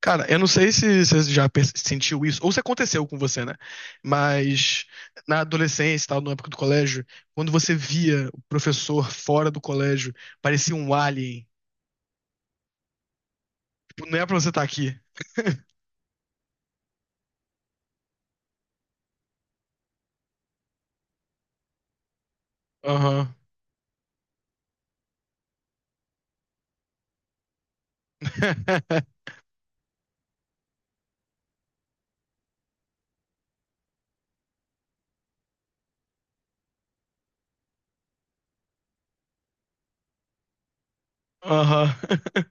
Cara, eu não sei se você já sentiu isso, ou se aconteceu com você, né? Mas na adolescência, e tal, na época do colégio, quando você via o professor fora do colégio, parecia um alien. Tipo, não é pra você estar aqui. Aham. Aham.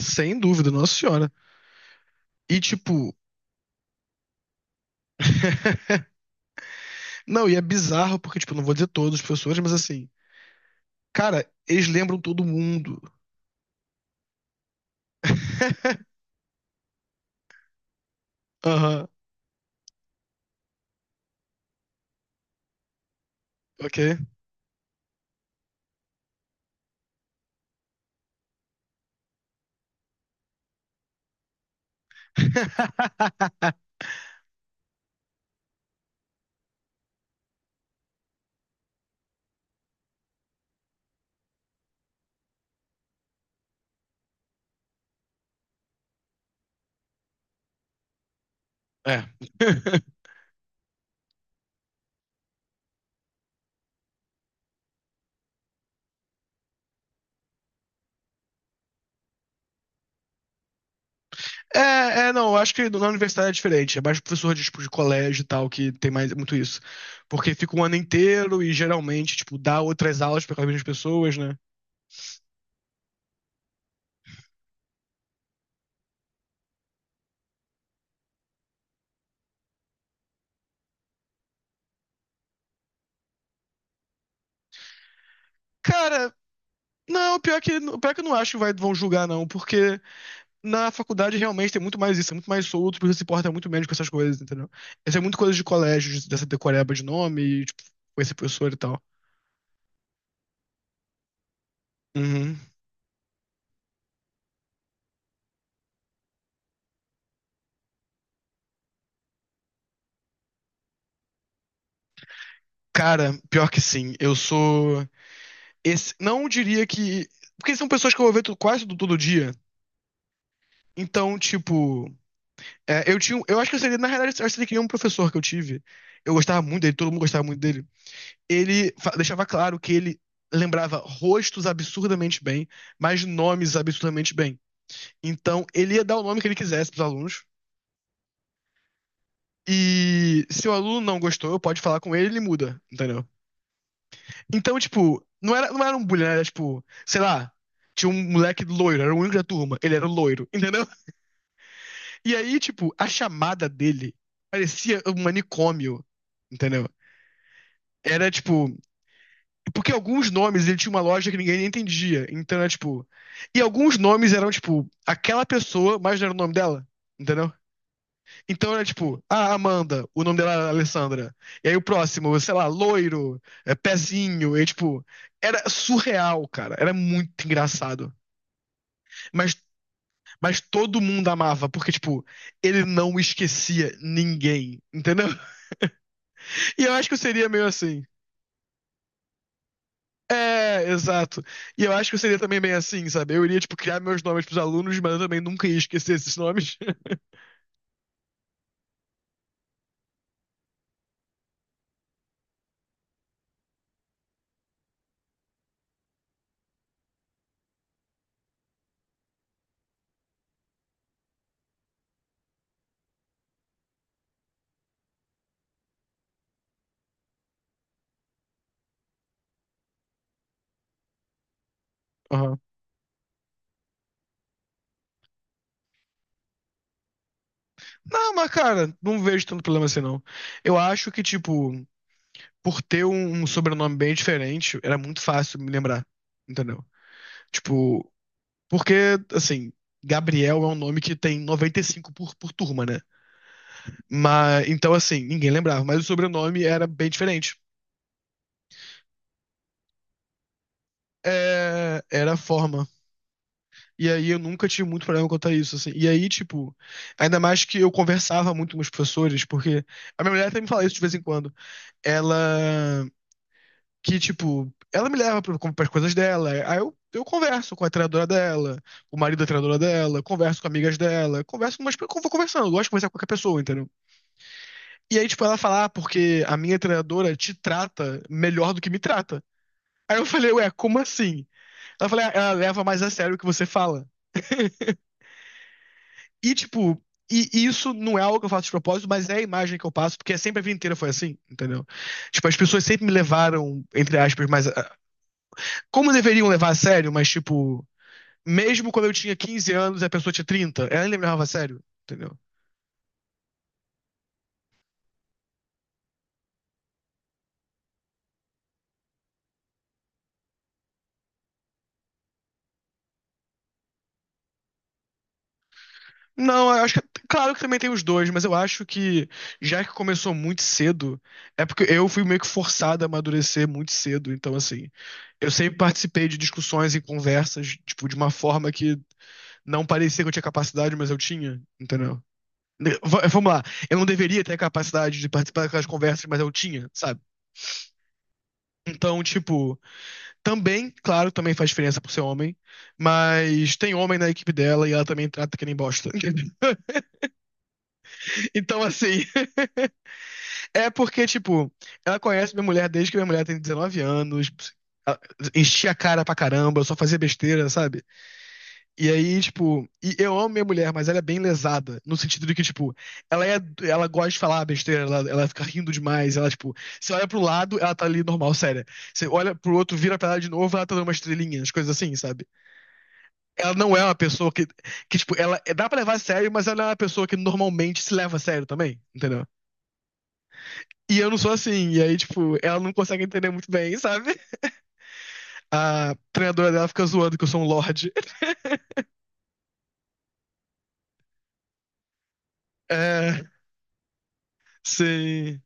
Sem dúvida, nossa senhora. E tipo, não, e é bizarro porque, tipo, eu não vou dizer todos os professores, mas assim, cara, eles lembram todo mundo. Aham, ok. É. Não, eu acho que na universidade é diferente. É mais professor de, tipo, de colégio e tal, que tem mais muito isso. Porque fica um ano inteiro e geralmente, tipo, dá outras aulas para as mesmas pessoas, né? Cara, não, pior que eu não acho que vai, vão julgar, não, porque na faculdade realmente tem muito mais isso, é muito mais solto, você se importa muito menos com essas coisas, entendeu? Essa é muito coisa de colégio, dessa decoreba de nome, e, tipo, com esse professor e tal. Uhum. Cara, pior que sim, eu sou. Esse, não diria que. Porque são pessoas que eu vou ver quase todo dia. Então, tipo, é, eu acho que eu seria, na realidade, eu acho que ele queria um professor que eu tive. Eu gostava muito dele, todo mundo gostava muito dele. Ele deixava claro que ele lembrava rostos absurdamente bem, mas nomes absurdamente bem. Então, ele ia dar o nome que ele quisesse pros alunos. E se o aluno não gostou, pode falar com ele, ele muda, entendeu? Então, tipo, não era um bullying, né? Era tipo, sei lá, tinha um moleque loiro, era o único da turma, ele era loiro, entendeu? E aí, tipo, a chamada dele parecia um manicômio, entendeu? Era tipo. Porque alguns nomes ele tinha uma lógica que ninguém entendia. Então era tipo. E alguns nomes eram, tipo, aquela pessoa, mas não era o nome dela. Entendeu? Então era tipo, ah, Amanda, o nome dela era Alessandra. E aí o próximo, sei lá, loiro, é, pezinho. E tipo, era surreal, cara. Era muito engraçado. Mas, mas todo mundo amava, porque, tipo, ele não esquecia ninguém. Entendeu? E eu acho que eu seria meio assim. É, exato. E eu acho que eu seria também meio assim, sabe? Eu iria, tipo, criar meus nomes pros alunos, mas eu também nunca ia esquecer esses nomes. Aham. Não, mas, cara, não vejo tanto problema assim, não. Eu acho que, tipo, por ter um sobrenome bem diferente, era muito fácil me lembrar, entendeu? Tipo, porque, assim, Gabriel é um nome que tem 95 por turma, né? Mas, então, assim, ninguém lembrava, mas o sobrenome era bem diferente. É, era a forma. E aí eu nunca tive muito problema quanto a isso, assim. E aí, tipo, ainda mais que eu conversava muito com os professores, porque a minha mulher até me fala isso de vez em quando. Ela, que, tipo, ela me leva para as coisas dela. Aí eu converso com a treinadora dela, o marido da treinadora dela, converso com amigas dela, converso com umas, eu vou conversando, eu gosto de conversar com qualquer pessoa, entendeu? E aí, tipo, ela fala, ah, porque a minha treinadora te trata melhor do que me trata. Aí eu falei, ué, como assim? Ela falou, "Ah, ela leva mais a sério o que você fala. E, tipo, e isso não é algo que eu faço de propósito, mas é a imagem que eu passo, porque sempre a vida inteira foi assim, entendeu? Tipo, as pessoas sempre me levaram, entre aspas, mas, ah, como deveriam levar a sério, mas, tipo, mesmo quando eu tinha 15 anos e a pessoa tinha 30 ela ainda me levava a sério, entendeu? Não, eu acho que. Claro que também tem os dois, mas eu acho que, já que começou muito cedo, é porque eu fui meio que forçado a amadurecer muito cedo, então, assim. Eu sempre participei de discussões e conversas, tipo, de uma forma que não parecia que eu tinha capacidade, mas eu tinha, entendeu? V- Vamos lá, eu não deveria ter a capacidade de participar daquelas conversas, mas eu tinha, sabe? Então, tipo, também, claro, também faz diferença por ser homem, mas tem homem na equipe dela e ela também trata que nem bosta. Então, assim, é porque, tipo, ela conhece minha mulher desde que minha mulher tem 19 anos, ela enchia a cara pra caramba, só fazia besteira, sabe? E aí, tipo, e eu amo minha mulher, mas ela é bem lesada, no sentido de que, tipo, ela é, ela gosta de falar besteira, ela fica rindo demais, ela, tipo, você olha pro lado, ela tá ali normal, séria. Você olha pro outro, vira pra ela de novo, ela tá dando uma estrelinha, as coisas assim, sabe? Ela não é uma pessoa que tipo, ela é, dá pra levar a sério, mas ela é uma pessoa que normalmente se leva a sério também, entendeu? E eu não sou assim, e aí, tipo, ela não consegue entender muito bem, sabe? A treinadora dela fica zoando que eu sou um lorde. É, sim.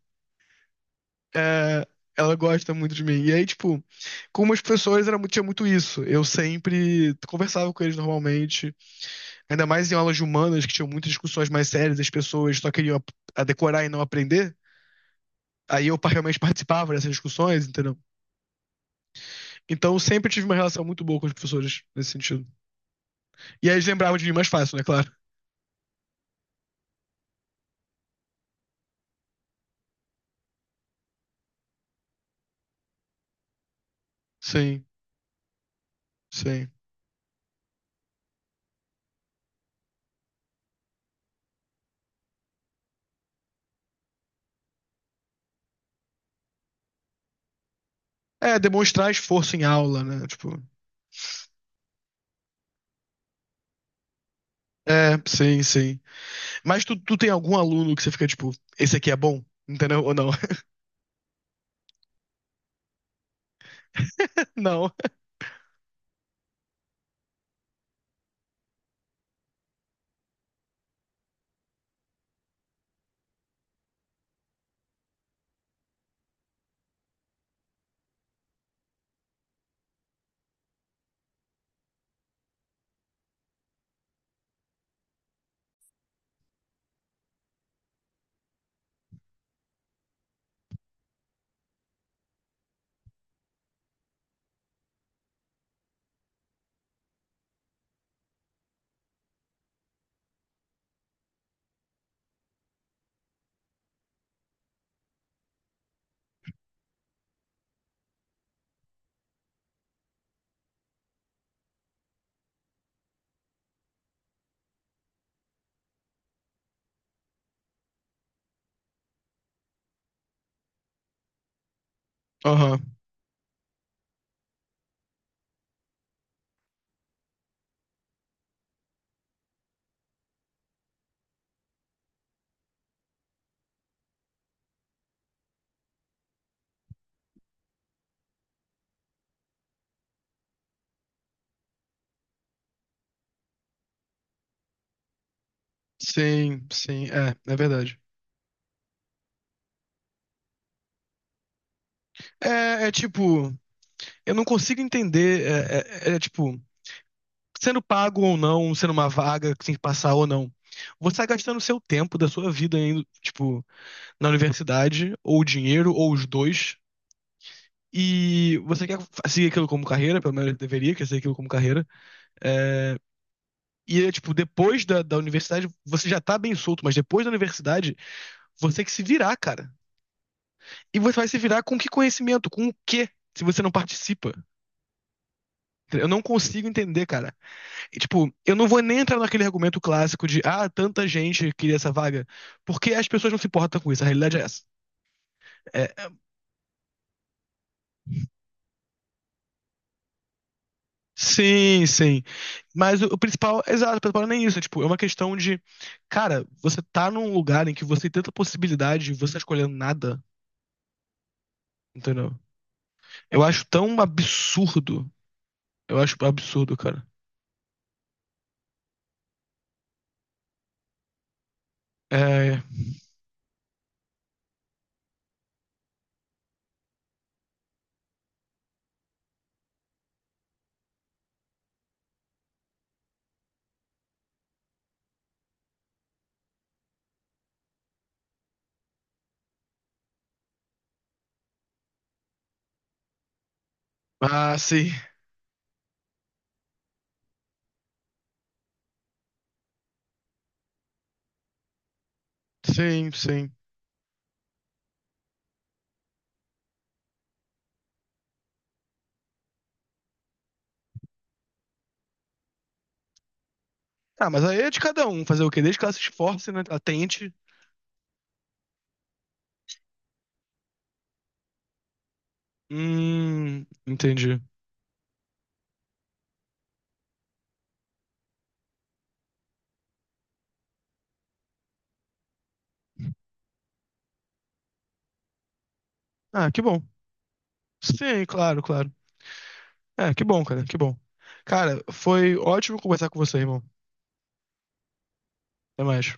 É, ela gosta muito de mim. E aí, tipo, com umas pessoas era, tinha muito isso. Eu sempre conversava com eles normalmente, ainda mais em aulas de humanas, que tinham muitas discussões mais sérias, as pessoas só queriam a decorar e não aprender. Aí eu realmente participava dessas discussões, entendeu? Então eu sempre tive uma relação muito boa com os professores nesse sentido. E aí eles lembravam de mim mais fácil, né? Claro. Sim, sim. É, demonstrar esforço em aula, né? Tipo. É, sim, sim. Mas tu tem algum aluno que você fica, tipo, esse aqui é bom? Entendeu? Ou não? Não. Aham. Sim, sim, é, é verdade. É tipo, eu não consigo entender, é tipo, sendo pago ou não, sendo uma vaga que tem que passar ou não. Você tá gastando seu tempo da sua vida indo, tipo, na universidade, ou dinheiro, ou os dois, e você quer seguir aquilo como carreira, pelo menos deveria querer seguir aquilo como carreira. É, e é tipo, depois da universidade, você já tá bem solto, mas depois da universidade, você tem que se virar, cara. E você vai se virar com que conhecimento? Com o quê? Se você não participa. Eu não consigo entender, cara. E, tipo, eu não vou nem entrar naquele argumento clássico de ah, tanta gente queria essa vaga, porque as pessoas não se importam com isso. A realidade é essa. É, sim, sim. Mas o principal, exato, o principal não é nem isso. É, tipo, é uma questão de, cara, você tá num lugar em que você tem tanta possibilidade e você tá escolhendo nada, entendeu? Eu acho tão absurdo. Eu acho absurdo, cara. É. Ah, sim. Sim, sim. Ah, mas aí é de cada um fazer o quê? Desde que ela se esforce, né? Ela tente. Entendi. Ah, que bom. Sim, claro, claro. É, que bom. Cara, foi ótimo conversar com você, irmão. Até mais.